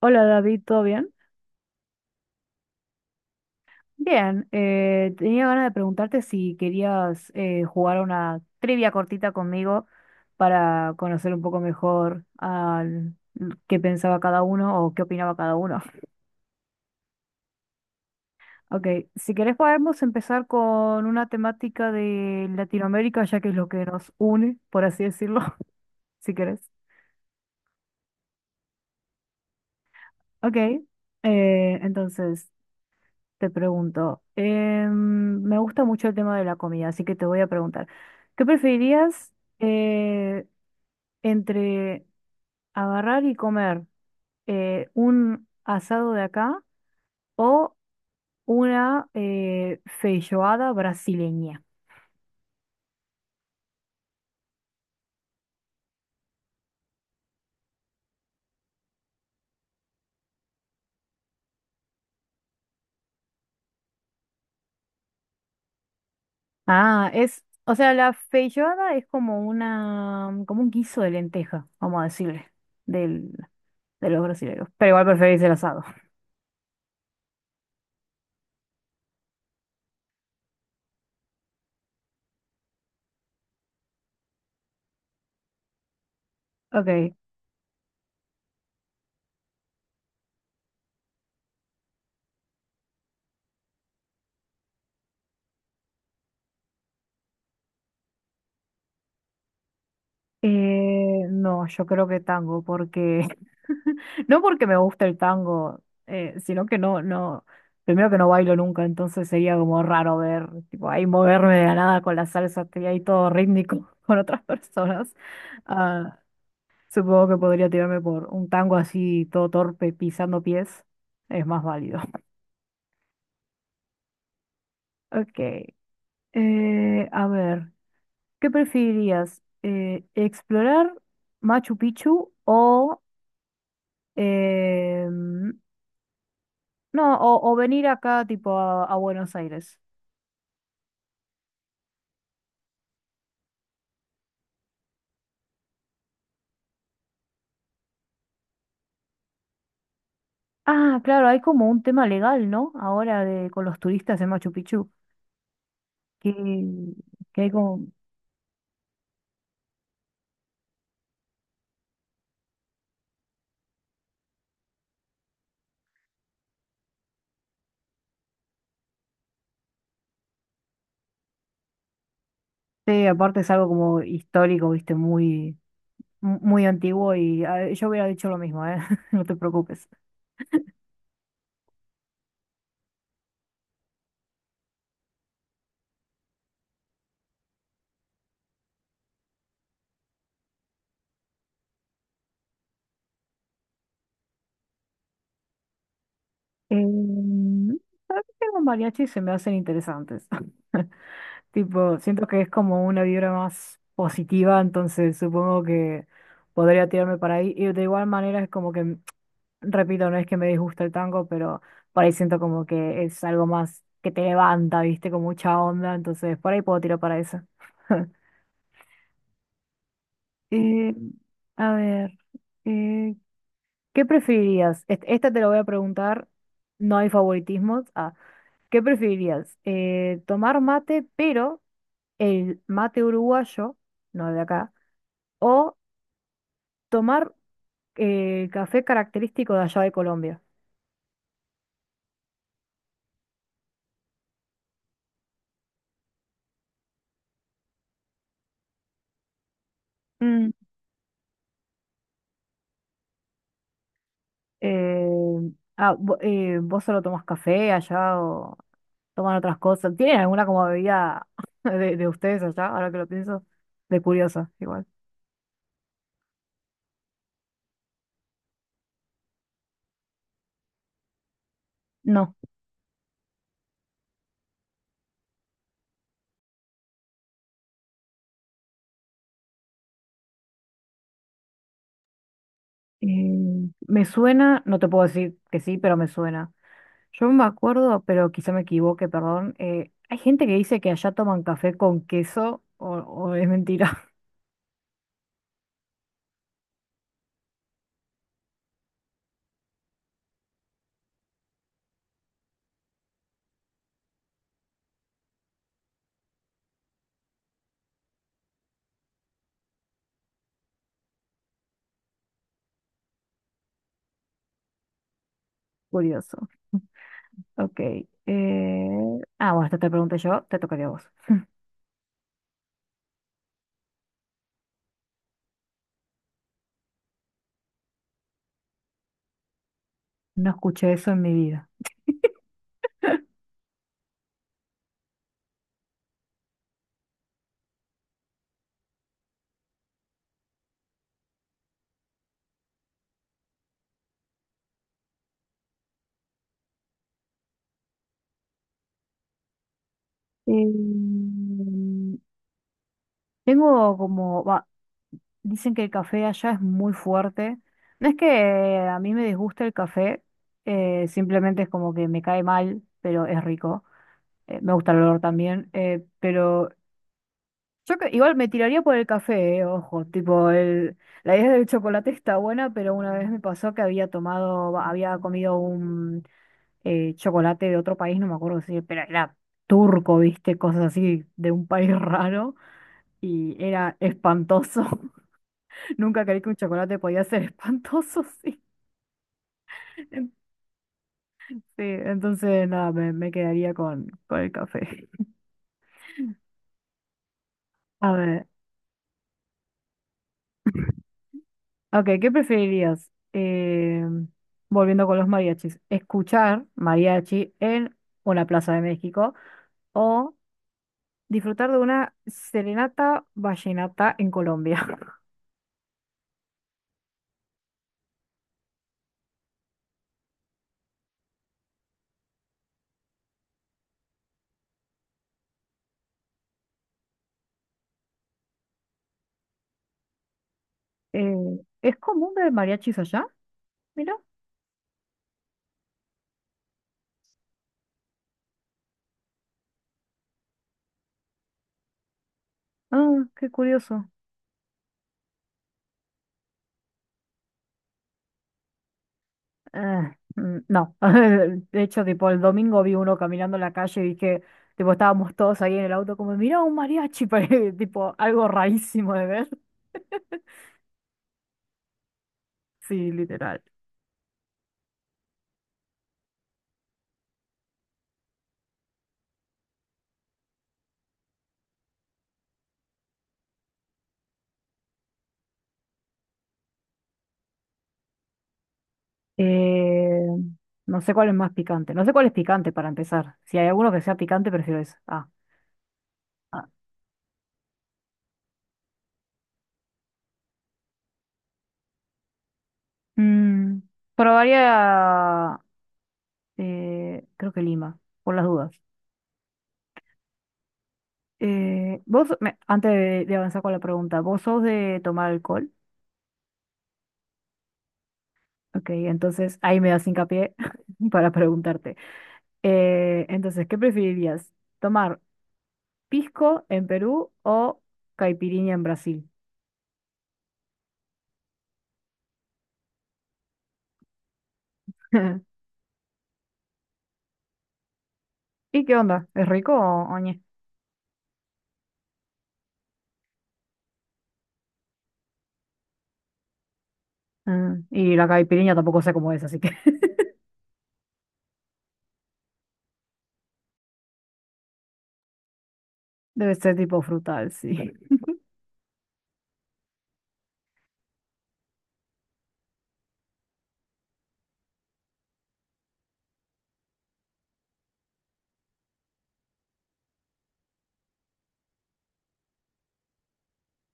Hola David, ¿todo bien? Bien, tenía ganas de preguntarte si querías jugar una trivia cortita conmigo para conocer un poco mejor qué pensaba cada uno o qué opinaba cada uno. Ok, si querés podemos empezar con una temática de Latinoamérica, ya que es lo que nos une, por así decirlo, si querés. Ok, entonces te pregunto, me gusta mucho el tema de la comida, así que te voy a preguntar, ¿qué preferirías entre agarrar y comer un asado de acá o una feijoada brasileña? Ah, es, o sea, la feijoada es como una, como un guiso de lenteja, vamos a decirle, de los brasileños. Pero igual preferís el asado. Ok. No, yo creo que tango, porque no porque me gusta el tango, sino que no, no, primero que no bailo nunca, entonces sería como raro ver, tipo, ahí moverme de la nada con la salsa, estoy ahí todo rítmico con otras personas. Ah, supongo que podría tirarme por un tango así, todo torpe, pisando pies, es más válido. Ok. A ver. ¿Qué preferirías? ¿Explorar Machu Picchu o, em, no, o venir acá tipo a Buenos Aires? Ah, claro, hay como un tema legal, ¿no? Ahora de, con los turistas en Machu Picchu, que, que hay como... Sí, aparte es algo como histórico, viste, muy, muy antiguo y ah, yo hubiera dicho lo mismo, ¿eh? No te preocupes. Em, tengo mariachi, se me hacen interesantes. Tipo, siento que es como una vibra más positiva, entonces supongo que podría tirarme para ahí. Y de igual manera es como que, mm, repito, no es que me disgusta el tango, pero por ahí siento como que es algo más que te levanta, viste, con mucha onda, entonces por ahí puedo tirar para eso. Eh, a ver, eh, ¿qué preferirías? Esta te lo voy a preguntar, no hay favoritismos. Ah, ¿qué preferirías? ¿Tomar mate, pero... el mate uruguayo, no de acá, o tomar café característico de allá de Colombia. Mm, Eh, ¿vos solo tomás café allá o toman otras cosas? ¿Tienen alguna como bebida de ustedes allá? Ahora que lo pienso, de curiosa, igual. No. Me suena, no te puedo decir que sí, pero me suena. Yo me acuerdo, pero quizá me equivoque, perdón. Hay gente que dice que allá toman café con queso o es mentira. Curioso. Ok. Ah, bueno, esta te pregunté yo, te tocaría a vos. No escuché eso en mi vida. Em, tengo como, va, dicen que el café allá es muy fuerte. No es que a mí me disguste el café, simplemente es como que me cae mal, pero es rico. Me gusta el olor también, pero igual me tiraría por el café, ojo, tipo, el, la idea del chocolate está buena, pero una vez me pasó que había tomado, va, había comido chocolate de otro país, no me acuerdo si, pero era turco, viste, cosas así de un país raro y era espantoso. Nunca creí que un chocolate podía ser espantoso, sí. En- Sí, entonces nada, me quedaría con el café. A ver, ok, ¿qué preferirías? Volviendo con los mariachis, ¿escuchar mariachi en una plaza de México o disfrutar de una serenata vallenata en Colombia? Eh, ¿Es común ver mariachis allá? Mira. Ah, qué curioso. Ah, mm, no. De hecho, tipo, el domingo vi uno caminando en la calle y dije, tipo, estábamos todos ahí en el auto como, mira, un mariachi, tipo, algo rarísimo de ver. Sí, literal. Eh, no sé cuál es más picante. No sé cuál es picante para empezar. Si hay alguno que sea picante, prefiero ese. Ah. Ah. Mm, probaría, creo que Lima, por las dudas. Antes de avanzar con la pregunta, ¿vos sos de tomar alcohol? Ok, entonces ahí me das hincapié para preguntarte. Entonces, ¿qué preferirías? ¿Tomar pisco en Perú o caipirinha en Brasil? ¿Y qué onda? ¿Es rico o oñe? Ah, y la caipirinha tampoco sé cómo es, así que debe ser tipo frutal, sí.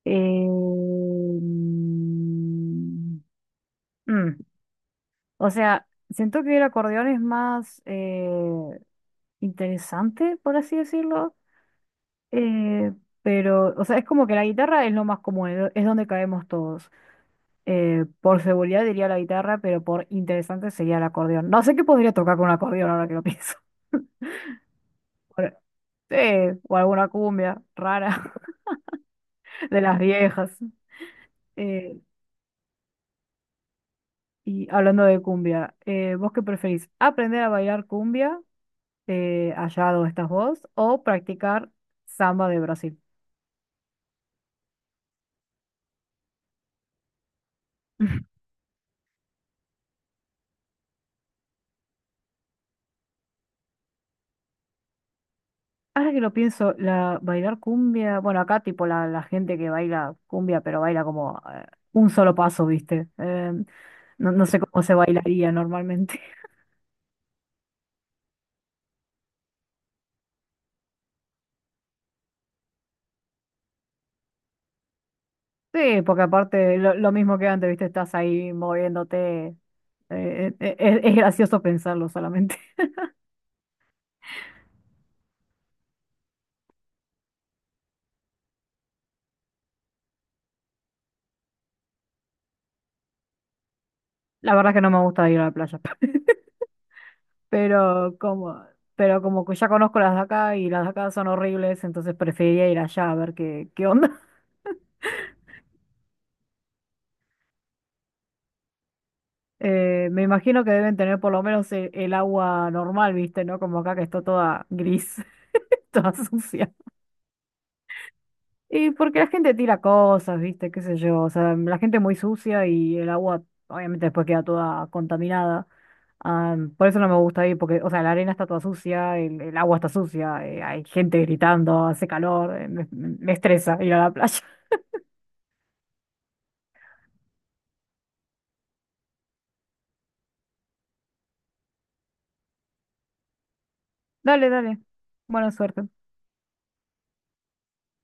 Eh, mm, mm, o sea, siento que el acordeón es más... interesante, por así decirlo. eh, pero, o sea, es como que la guitarra es lo más común, es donde caemos todos. Por seguridad diría la guitarra, pero por interesante sería el acordeón. No sé qué podría tocar con un acordeón ahora que lo pienso. Bueno, sí, o alguna cumbia rara de las viejas. Eh, y hablando de cumbia, ¿vos qué preferís? ¿Aprender a bailar cumbia allá donde estás vos o practicar samba de Brasil? Ahora que lo pienso, la bailar cumbia, bueno, acá tipo la, la gente que baila cumbia, pero baila como un solo paso, ¿viste? No, no sé cómo se bailaría normalmente. Sí, porque aparte lo mismo que antes, ¿viste? Estás ahí moviéndote. Es gracioso pensarlo solamente. La verdad es que no me gusta ir a la playa, pero como, pero como que ya conozco las de acá y las de acá son horribles, entonces preferiría ir allá a ver qué, qué onda. Me imagino que deben tener por lo menos el agua normal, ¿viste? ¿No? Como acá que está toda gris, toda sucia. Y porque la gente tira cosas, ¿viste? ¿Qué sé yo? O sea, la gente es muy sucia y el agua obviamente después queda toda contaminada. Ah, por eso no me gusta ir, porque, o sea, la arena está toda sucia, el agua está sucia, hay gente gritando, hace calor, me, me estresa ir a la playa. Dale, dale. Buena suerte.